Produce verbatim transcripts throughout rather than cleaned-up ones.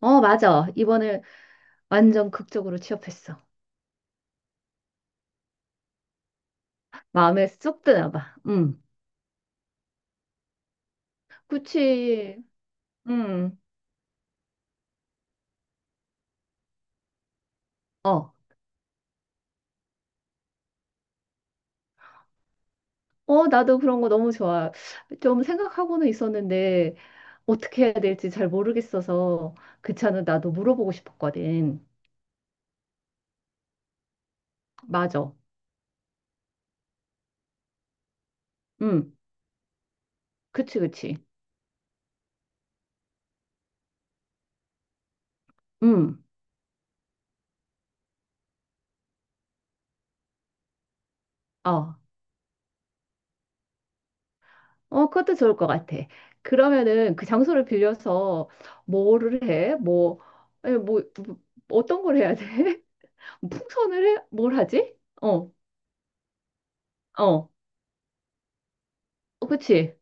어, 맞아. 이번에 완전 극적으로 취업했어. 마음에 쏙 드나 봐. 음. 그치. 음. 어. 어, 나도 그런 거 너무 좋아. 좀 생각하고는 있었는데 어떻게 해야 될지 잘 모르겠어서 그 차는 나도 물어보고 싶었거든. 맞아. 음. 그치, 그치. 음. 어. 어, 그것도 좋을 것 같아. 그러면은 그 장소를 빌려서 뭐를 해? 뭐, 에 뭐, 뭐 어떤 걸 해야 돼? 풍선을 해? 뭘 하지? 어. 어, 어, 그치?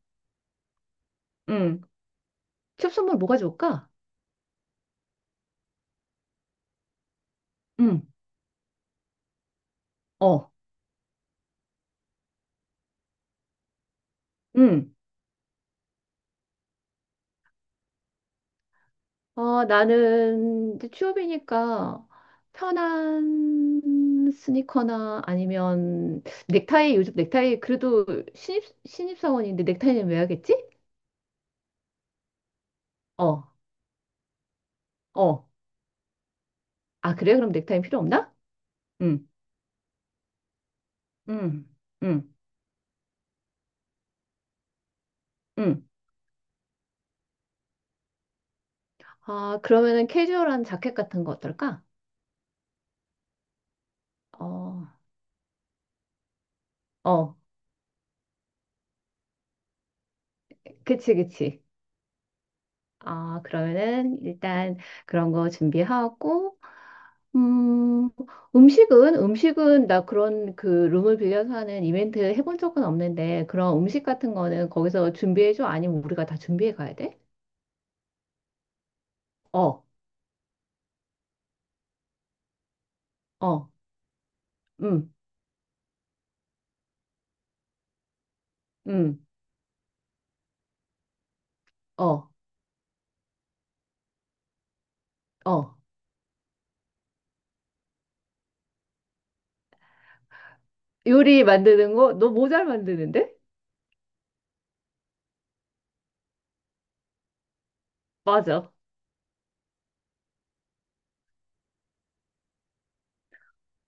응. 취업 선물 뭐 가져올까? 응, 어, 응. 어, 나는 이제 취업이니까 편한 스니커나 아니면 넥타이, 요즘 넥타이, 그래도 신입, 신입사원인데 넥타이는 왜 하겠지? 어, 어. 아, 그래? 그럼 넥타이 필요 없나? 응, 응, 응, 응. 아, 그러면은 캐주얼한 자켓 같은 거 어떨까? 어, 어. 그치, 그치. 아, 그러면은 일단 그런 거 준비하고, 음, 음식은, 음식은 나 그런 그 룸을 빌려서 하는 이벤트 해본 적은 없는데, 그런 음식 같은 거는 거기서 준비해줘? 아니면 우리가 다 준비해 가야 돼? 어, 어, 음, 음, 어, 어. 요리 만드는 거? 너 모잘 만드는데? 맞아.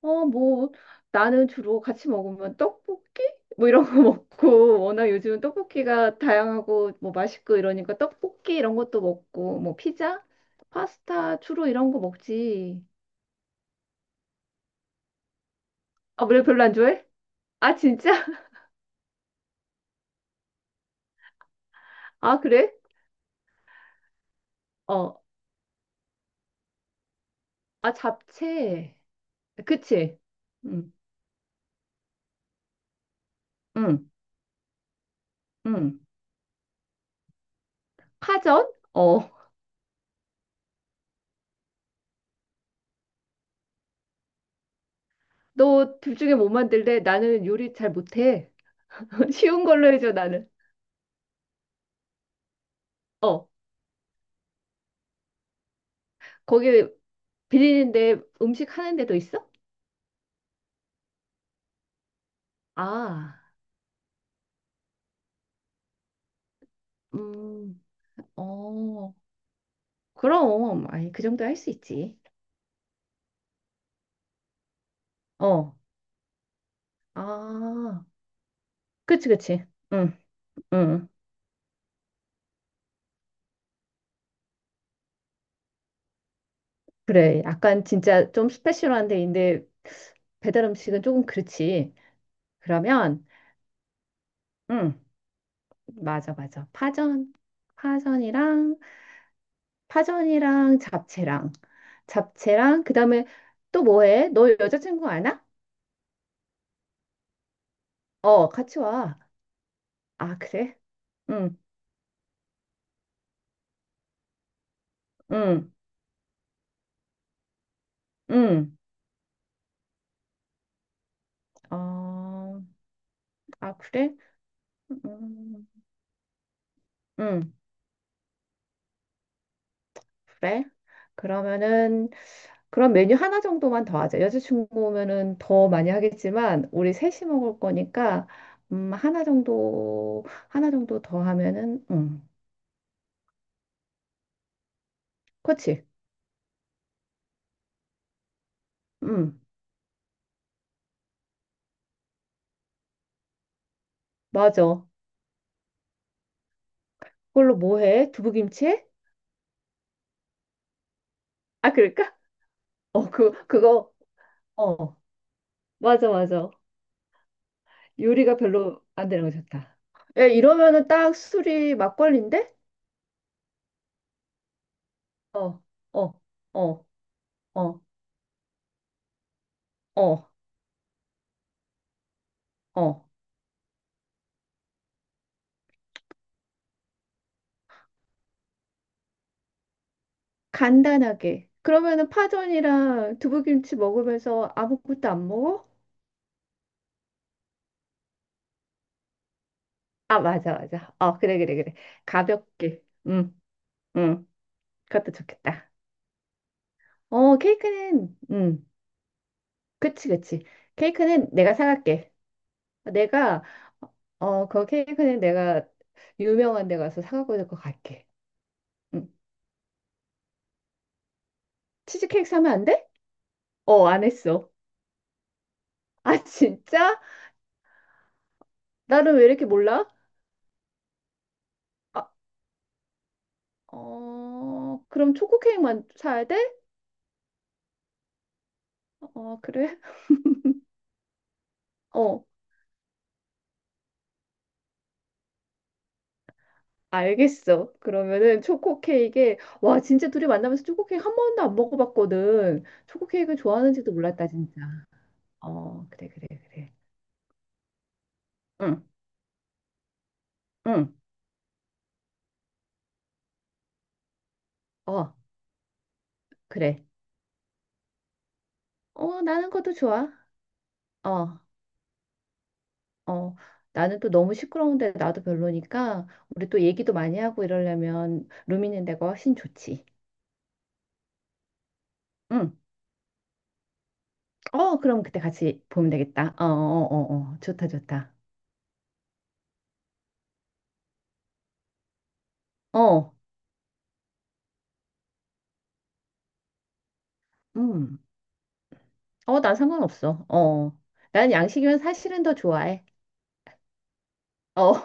어, 뭐, 나는 주로 같이 먹으면 떡볶이? 뭐 이런 거 먹고, 워낙 요즘은 떡볶이가 다양하고, 뭐 맛있고 이러니까 떡볶이 이런 것도 먹고, 뭐 피자, 파스타, 주로 이런 거 먹지. 아, 그래, 별로 안 좋아해? 아, 진짜? 아, 그래? 어, 아, 잡채. 그치? 응, 응, 응. 파전? 어, 너 둘 중에 뭐 만들래? 나는 요리 잘 못해. 쉬운 걸로 해줘, 나는. 어, 거기 빌리는데 음식 하는 데도 있어? 아, 음, 어, 그럼, 아니, 그 정도 할 수 있지. 어, 아, 그치, 그치. 응, 응. 그래. 약간 진짜 좀 스페셜한 데인데 배달 음식은 조금 그렇지. 그러면, 응, 맞아, 맞아. 파전, 파전이랑, 파전이랑 잡채랑, 잡채랑, 그 다음에 또 뭐 해? 너 여자친구 아나? 어, 같이 와. 아, 그래? 응, 응, 응. 어, 아, 그래? 음, 음, 그래? 그러면은 그런 메뉴 하나 정도만 더 하자. 여자친구 오면은 더 많이 하겠지만 우리 셋이 먹을 거니까 음, 하나 정도 하나 정도 더 하면은 음. 그치? 음. 맞아. 그걸로 뭐 해? 두부김치? 아, 그럴까? 어, 그 그거 어. 맞아, 맞아. 요리가 별로 안 되는 거 좋다. 야, 이러면은 딱 술이 막걸리인데? 어. 어. 어. 어. 어. 어. 간단하게. 그러면은 파전이랑 두부김치 먹으면서 아무것도 안 먹어? 아, 맞아, 맞아. 어, 그래, 그래, 그래. 가볍게. 응, 응. 그것도 좋겠다. 어, 케이크는, 응. 그치, 그치. 케이크는 내가 사갈게. 내가, 어, 그 케이크는 내가 유명한 데 가서 사갖고 될것 갈게. 응. 치즈케이크 사면 안 돼? 어, 안 했어. 아, 진짜? 나는 왜 이렇게 몰라? 아, 어, 그럼 초코케이크만 사야 돼? 어, 그래. 어, 알겠어. 그러면은 초코 케이크에 와 진짜 둘이 만나면서 초코 케이크 한 번도 안 먹어봤거든. 초코 케이크 좋아하는지도 몰랐다 진짜. 어, 그래 그래 그래. 응, 응. 어, 그래. 어, 나는 것도 좋아. 어, 어. 나는 또 너무 시끄러운데 나도 별로니까 우리 또 얘기도 많이 하고 이러려면 룸 있는 데가 훨씬 좋지. 응. 어, 그럼 그때 같이 보면 되겠다. 어, 어, 어, 어. 좋다 좋다. 어. 음. 어, 난 상관없어. 어. 난 양식이면 사실은 더 좋아해. 어,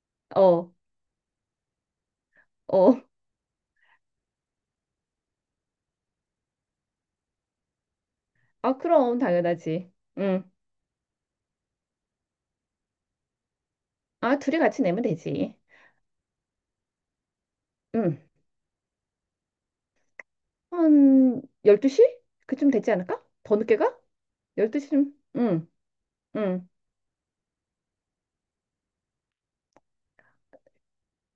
어, 어. 아, 그럼, 당연하지. 응. 아, 둘이 같이 내면 되지. 응. 한 열두 시? 그쯤 되지 않을까? 더 늦게 가? 열두 시쯤? 응, 응.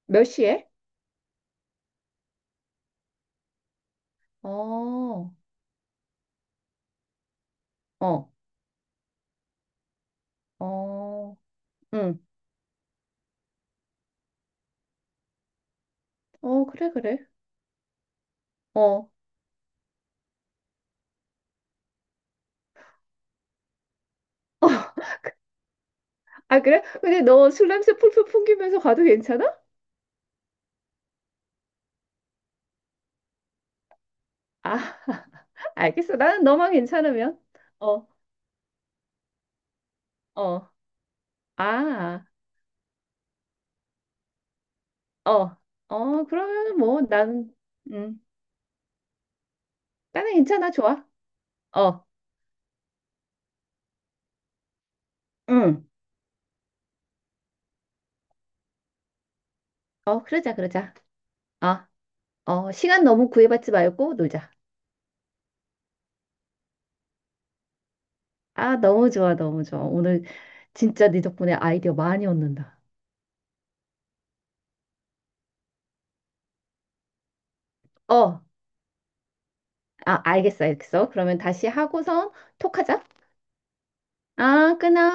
몇 시에? 어, 어, 어, 응. 어, 그래, 그래. 어. 아, 그래? 근데 너 술 냄새 풀풀 풍기면서 가도 괜찮아? 아, 알겠어. 나는 너만 괜찮으면. 어, 어. 아. 어, 어, 그러면 뭐, 나는, 음, 나는 괜찮아, 좋아. 어, 응, 어, 그러자, 그러자. 어, 어, 시간 너무 구애받지 말고 놀자. 아, 너무 좋아, 너무 좋아. 오늘 진짜 네 덕분에 아이디어 많이 얻는다. 어, 아, 알겠어, 알겠어. 그러면 다시 하고선 톡하자. 아, 끊어.